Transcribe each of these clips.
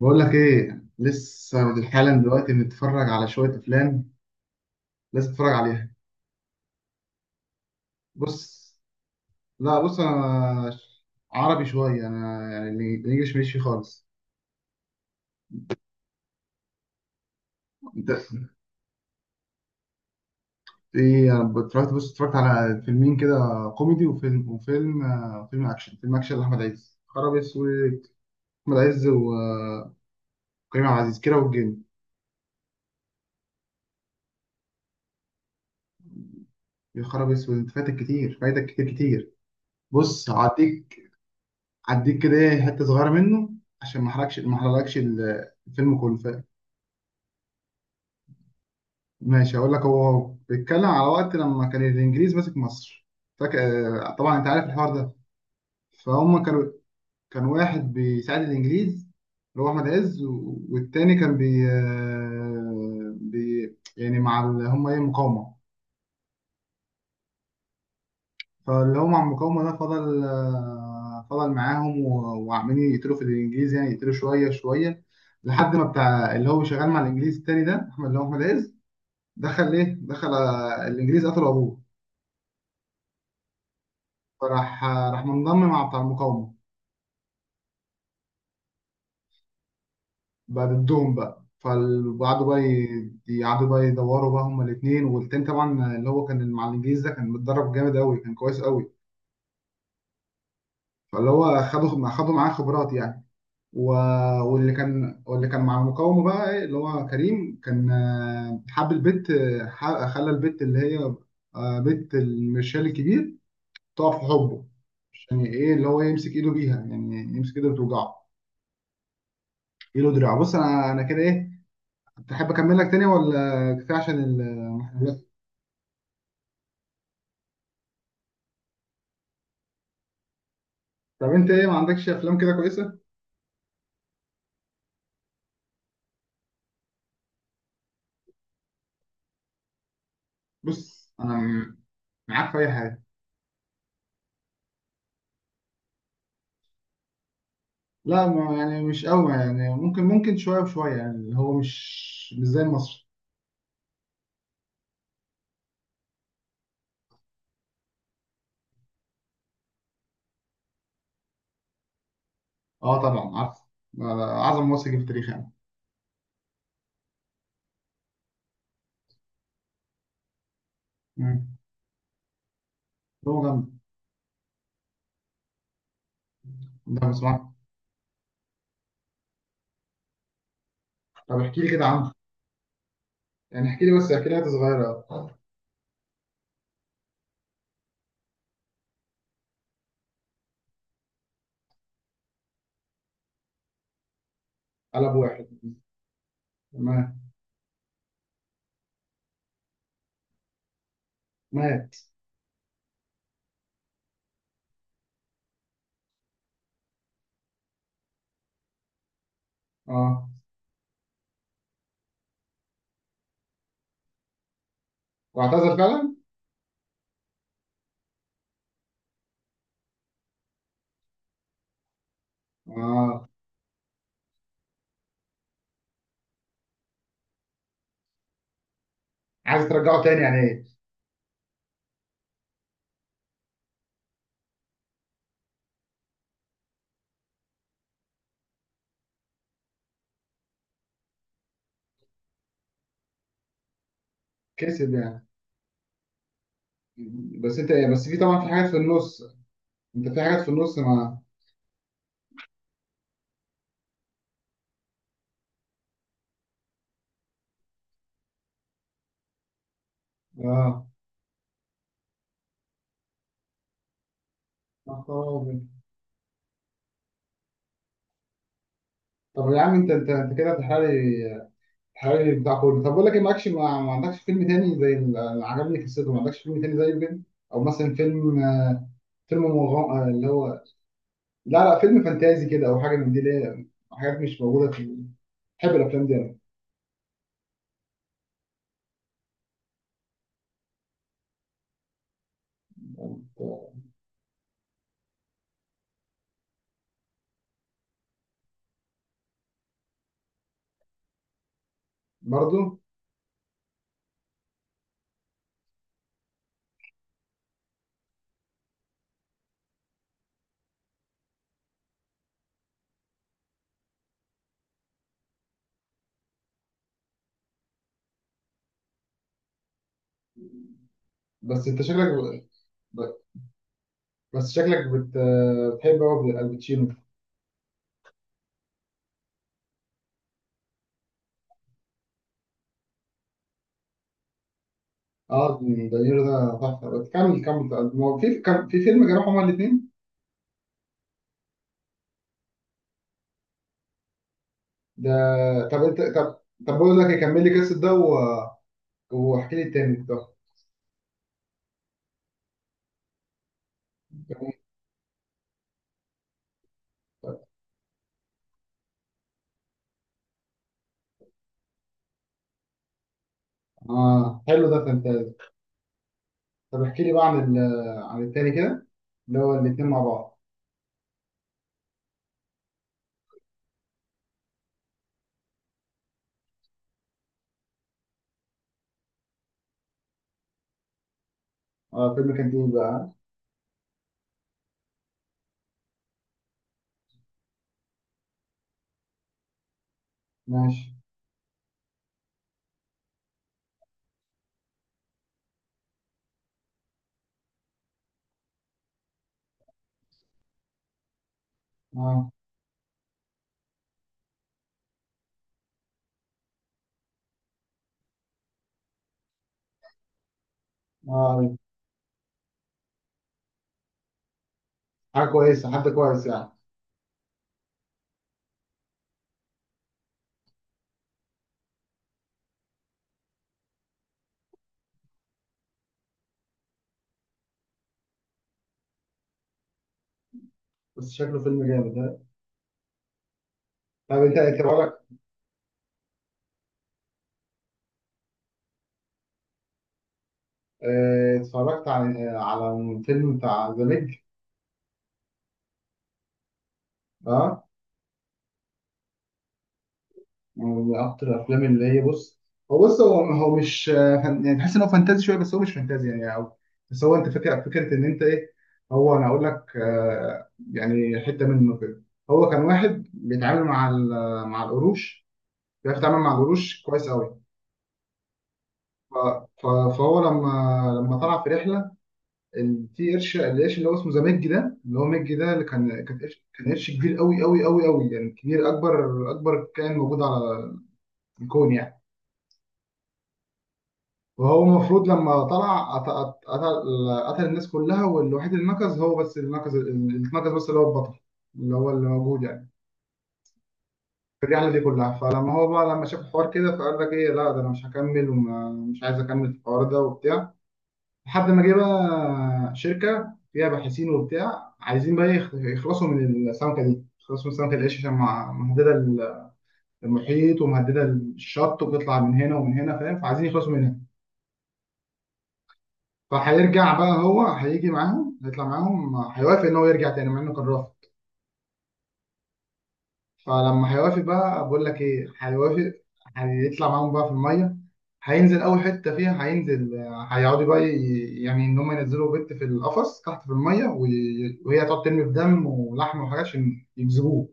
بقول لك ايه، لسه حالا دلوقتي بنتفرج على شويه افلام. لازم تتفرج عليها. بص. لا، بص، انا عربي شويه انا يعني، الانجليش ماليش فيه خالص. انت ايه، انا اتفرجت. بص، اتفرجت على فيلمين كده، كوميدي وفيلم فيلم اكشن لاحمد عز، خراب اسود. احمد عز وكريم عبد العزيز، كيرة والجن. يا خراب اسود، انت فاتك كتير، فايتك كتير كتير. بص، هعديك كده، حته صغيره منه، عشان ما احرقلكش الفيلم كله. ماشي، هقول لك. هو بيتكلم على وقت لما كان الانجليز ماسك مصر، فاكر؟ طبعا انت عارف الحوار ده. فهم كانوا كان واحد بيساعد الانجليز، اللي هو احمد عز، والتاني كان بي يعني مع ال- هم ايه مقاومه. فاللي هو مع المقاومه ده فضل معاهم، وعمالين يقتلوا في الانجليز يعني، يقتلوا شويه شويه، لحد ما بتاع اللي هو شغال مع الانجليز التاني ده، احمد اللي هو احمد عز، دخل الانجليز قتلوا ابوه. فراح منضم مع بتاع المقاومة، بقى ضدهم. بقى فقعدوا بقى يقعدوا بقى يدوروا بقى، هما الاتنين. والتاني طبعا اللي هو كان مع الإنجليز ده كان متدرب جامد أوي، كان كويس أوي، فاللي هو خدوا معاه خبرات يعني. و... واللي كان مع المقاومة، بقى اللي هو كريم، كان حب البت، خلى البت اللي هي، بت المرشال الكبير، تقع في حبه. عشان ايه؟ اللي هو يمسك ايده بيها يعني، يمسك ايده وتوجعه ايده، دراعه. بص، انا كده ايه، تحب اكمل لك تاني ولا كفايه عشان المحاولات؟ طب انت ايه، ما عندكش افلام كده كويسه؟ بص انا معاك في اي حاجه. لا، ما يعني مش قوي يعني، ممكن شويه وشويه يعني، اللي هو مش زي المصري. اه طبعا عارف. اعظم مصري جه في التاريخ يعني. مم. هو جامد ده، بسمع. طب احكي لي كده عنه، يعني احكي لي بس، احكي لي حته صغيره. قلب واحد. تمام. مات. اه، واعتذر فعلا. اه. عايز ترجعه تاني يعني، ايه؟ كسب يعني. بس انت، بس في طبعا في حاجات في النص، انت في حاجات في النص مع. اه. يا خرابي. طب يا عم، انت كده بتحرقلي بتاع كله. طب بقول لك ايه، معكش ما عندكش فيلم تاني زي اللي عجبني قصته، ما عندكش فيلم تاني زيه كده، او مثلا فيلم، فيلم مغام... آه، اللي هو، لا لا، فيلم فانتازي كده او حاجه من دي، ليه؟ حاجات مش موجوده في. بحب الافلام دي انا. برضه. بس انت شكلك ب- بس شكلك بت... بتحب قوي الباتشينو. اه، دانيرو ده تحفه، بس كمل كمل. ما هو في كان في فيلم كانوا هما الاثنين، ده. طب انت، طب بقول لك كمل لي قصه ده واحكي لي التاني ده. اه حلو، ده فانتازي. طب احكي لي بقى عن عن التاني كده، اللي هو الاتنين مع بعض. اه، فيلم كان تقيل بقى. ماشي. اه. اه، حاجه كويسه، حد كويس يعني. بس شكله فيلم جامد، ها؟ طب انت، بقولك اه، اتفرجت على الفيلم بتاع ذا ميج. اه. من اكتر الافلام اللي هي، بص. هو بص، هو مش يعني، تحس ان هو فانتازي شويه بس هو مش فانتازي يعني، او بس هو. انت فاكر فكره ان انت ايه، هو انا اقول لك، يعني حته منه كده. هو كان واحد بيتعامل مع مع القروش، بيعرف يتعامل مع القروش كويس قوي. ف- ف- فهو لما، لما طلع في رحله، في قرش، القرش اللي هو اسمه زمجي ده، اللي هو مجي ده، اللي كان قرش، كان قرش كبير قوي قوي قوي قوي يعني، كبير، اكبر كائن موجود على الكون يعني. وهو المفروض لما طلع، قتل الناس كلها، والوحيد اللي نقص هو بس، اللي نقص بس، اللي هو البطل، اللي هو اللي موجود يعني في الرحله دي كلها. فلما هو بقى، لما شاف الحوار كده، فقال لك ايه، لا ده انا مش هكمل ومش عايز اكمل في الحوار ده وبتاع، لحد ما جه بقى شركه فيها باحثين وبتاع عايزين بقى يخلصوا من السمكه دي، يخلصوا من سمكه القش، عشان مهدده المحيط ومهدده الشط، وبتطلع من هنا ومن هنا، فاهم؟ فعايزين يخلصوا منها. فهيرجع بقى، هو هيجي معاهم، هيطلع معاهم، هيوافق ان هو يرجع تاني مع انه كان رافض. فلما هيوافق بقى، بقول لك ايه، هيوافق، هيطلع معاهم بقى في الميه، هينزل اول حته فيها. هينزل آه، هيقعدوا بقى يعني، ان هم ينزلوا بنت في القفص تحت في الميه، وهي تقعد ترمي بدم ولحم وحاجات عشان يجذبوه.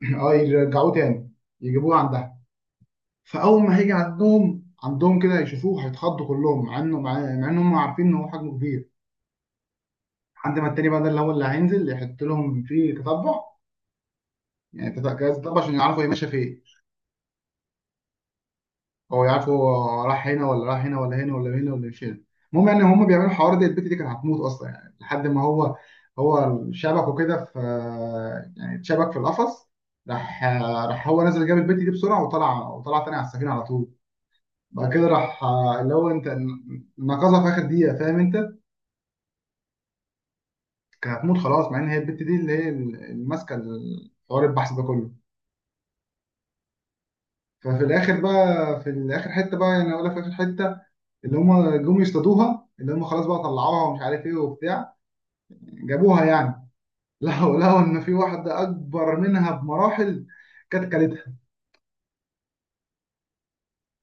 اه، يرجعوه تاني، يجيبوه عندها. فاول ما هيجي عندهم كده يشوفوه، هيتخضوا كلهم، مع انهم عارفين ان هو حجمه كبير. لحد ما التاني بقى، ده اللي هو، اللي هينزل يحط لهم فيه تتبع يعني، جهاز تتبع عشان يعرفوا هي ماشيه فين، او يعرفوا هو راح هنا ولا راح هنا ولا هنا ولا هنا ولا مش هنا. المهم يعني، هم بيعملوا الحوار ده، البت دي كانت هتموت اصلا يعني، لحد ما هو، شبك وكده في، يعني اتشبك في القفص. راح راح هو نزل، جاب البت دي بسرعه وطلع تاني على السفينه على طول. بعد كده راح اللي هو، انت، نقذها في اخر دقيقه، فاهم انت؟ كانت هتموت خلاص، مع ان هي البت دي اللي هي اللي ماسكه حوار البحث ده كله. ففي الاخر بقى، في الاخر حته بقى يعني، اقول لك في اخر حته، اللي هم جم يصطادوها، اللي هم خلاص بقى طلعوها ومش عارف ايه وبتاع، جابوها يعني. لقوا ان في واحده اكبر منها بمراحل، كانت كلتها.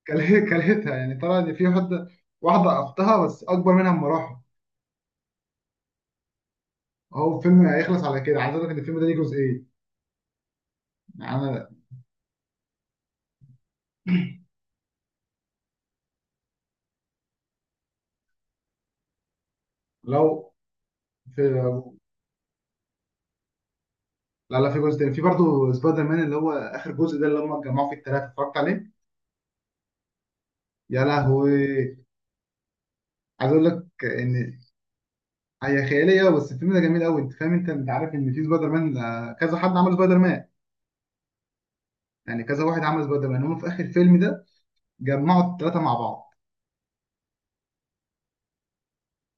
كلتها يعني، طلع ان في واحده، واحده اختها بس اكبر منها بمراحل. هو الفيلم هيخلص على كده. عايز اقول لك ان الفيلم ده ليه جزئين يعني. أنا، لو في، لا لا، في جزء تاني، في برضه سبايدر مان اللي هو اخر جزء ده اللي هم اتجمعوا فيه الثلاثه، اتفرجت عليه. يا لهوي. عايز اقول لك ان هي خياليه أوي، بس الفيلم ده جميل قوي. انت فاهم، انت عارف ان في سبايدر مان، كذا حد عمل سبايدر مان يعني، كذا واحد عمل سبايدر مان. هم في اخر الفيلم ده جمعوا الثلاثه مع بعض.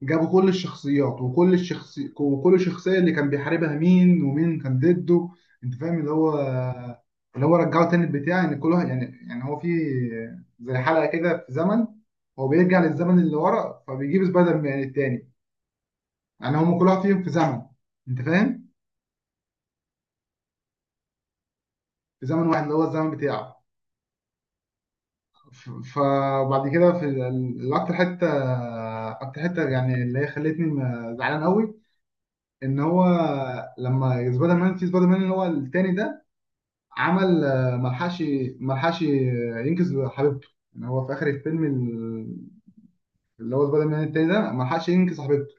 جابوا كل الشخصيات، وكل شخصيه اللي كان بيحاربها، مين ومين كان ضده. انت فاهم، اللي هو، اللي هو رجعه تاني البتاع، ان كل واحد يعني هو في زي حلقه كده في زمن، هو بيرجع للزمن اللي ورا فبيجيب سبايدر مان التاني، يعني هم كل واحد فيهم في زمن، انت فاهم، في زمن واحد اللي هو الزمن بتاعه. فبعد كده في الاكتر حته، اكتر حته يعني اللي هي خلتني زعلان قوي، ان هو لما سبايدر مان، في سبايدر مان اللي هو التاني ده، عمل آه، ملحقش ينقذ حبيبته يعني. هو في اخر الفيلم اللي هو سبايدر مان التاني ده ملحقش ينقذ حبيبته.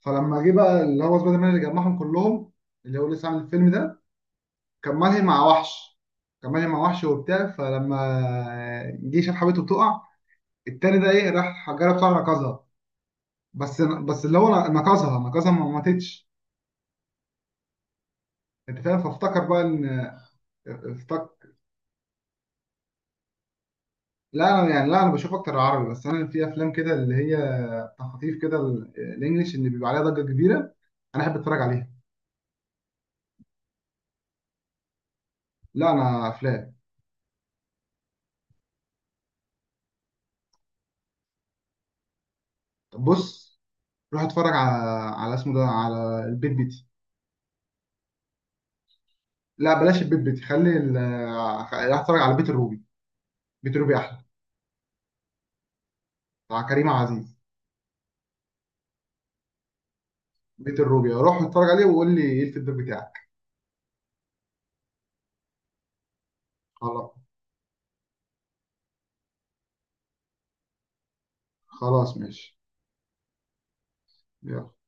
فلما جه بقى اللي هو سبايدر مان اللي جمعهم كلهم، اللي هو لسه عامل الفيلم ده، كان ملهي مع وحش، كان ملهي مع وحش وبتاع، فلما جه شاف حبيبته بتقع، التاني ده ايه، راح جرب بسرعه، ركزها. بس اللي هو نقصها، ما ماتتش. انت فاهم، فافتكر بقى ان، افتكر لا انا بشوف اكتر العربي. بس انا في افلام كده اللي هي تخاطيف كده، الانجليش اللي بيبقى عليها ضجه كبيره، انا احب اتفرج عليها. لا، انا افلام. طب بص، روح اتفرج على، اسمه ده، على البيت بيتي. لا بلاش البيت بيتي، خلي روح اتفرج على بيت الروبي. بيت الروبي احلى. بتاع كريم عبد العزيز. بيت الروبي، روح اتفرج عليه وقول لي ايه الفيدباك بتاعك. خلاص. خلاص ماشي. يلا.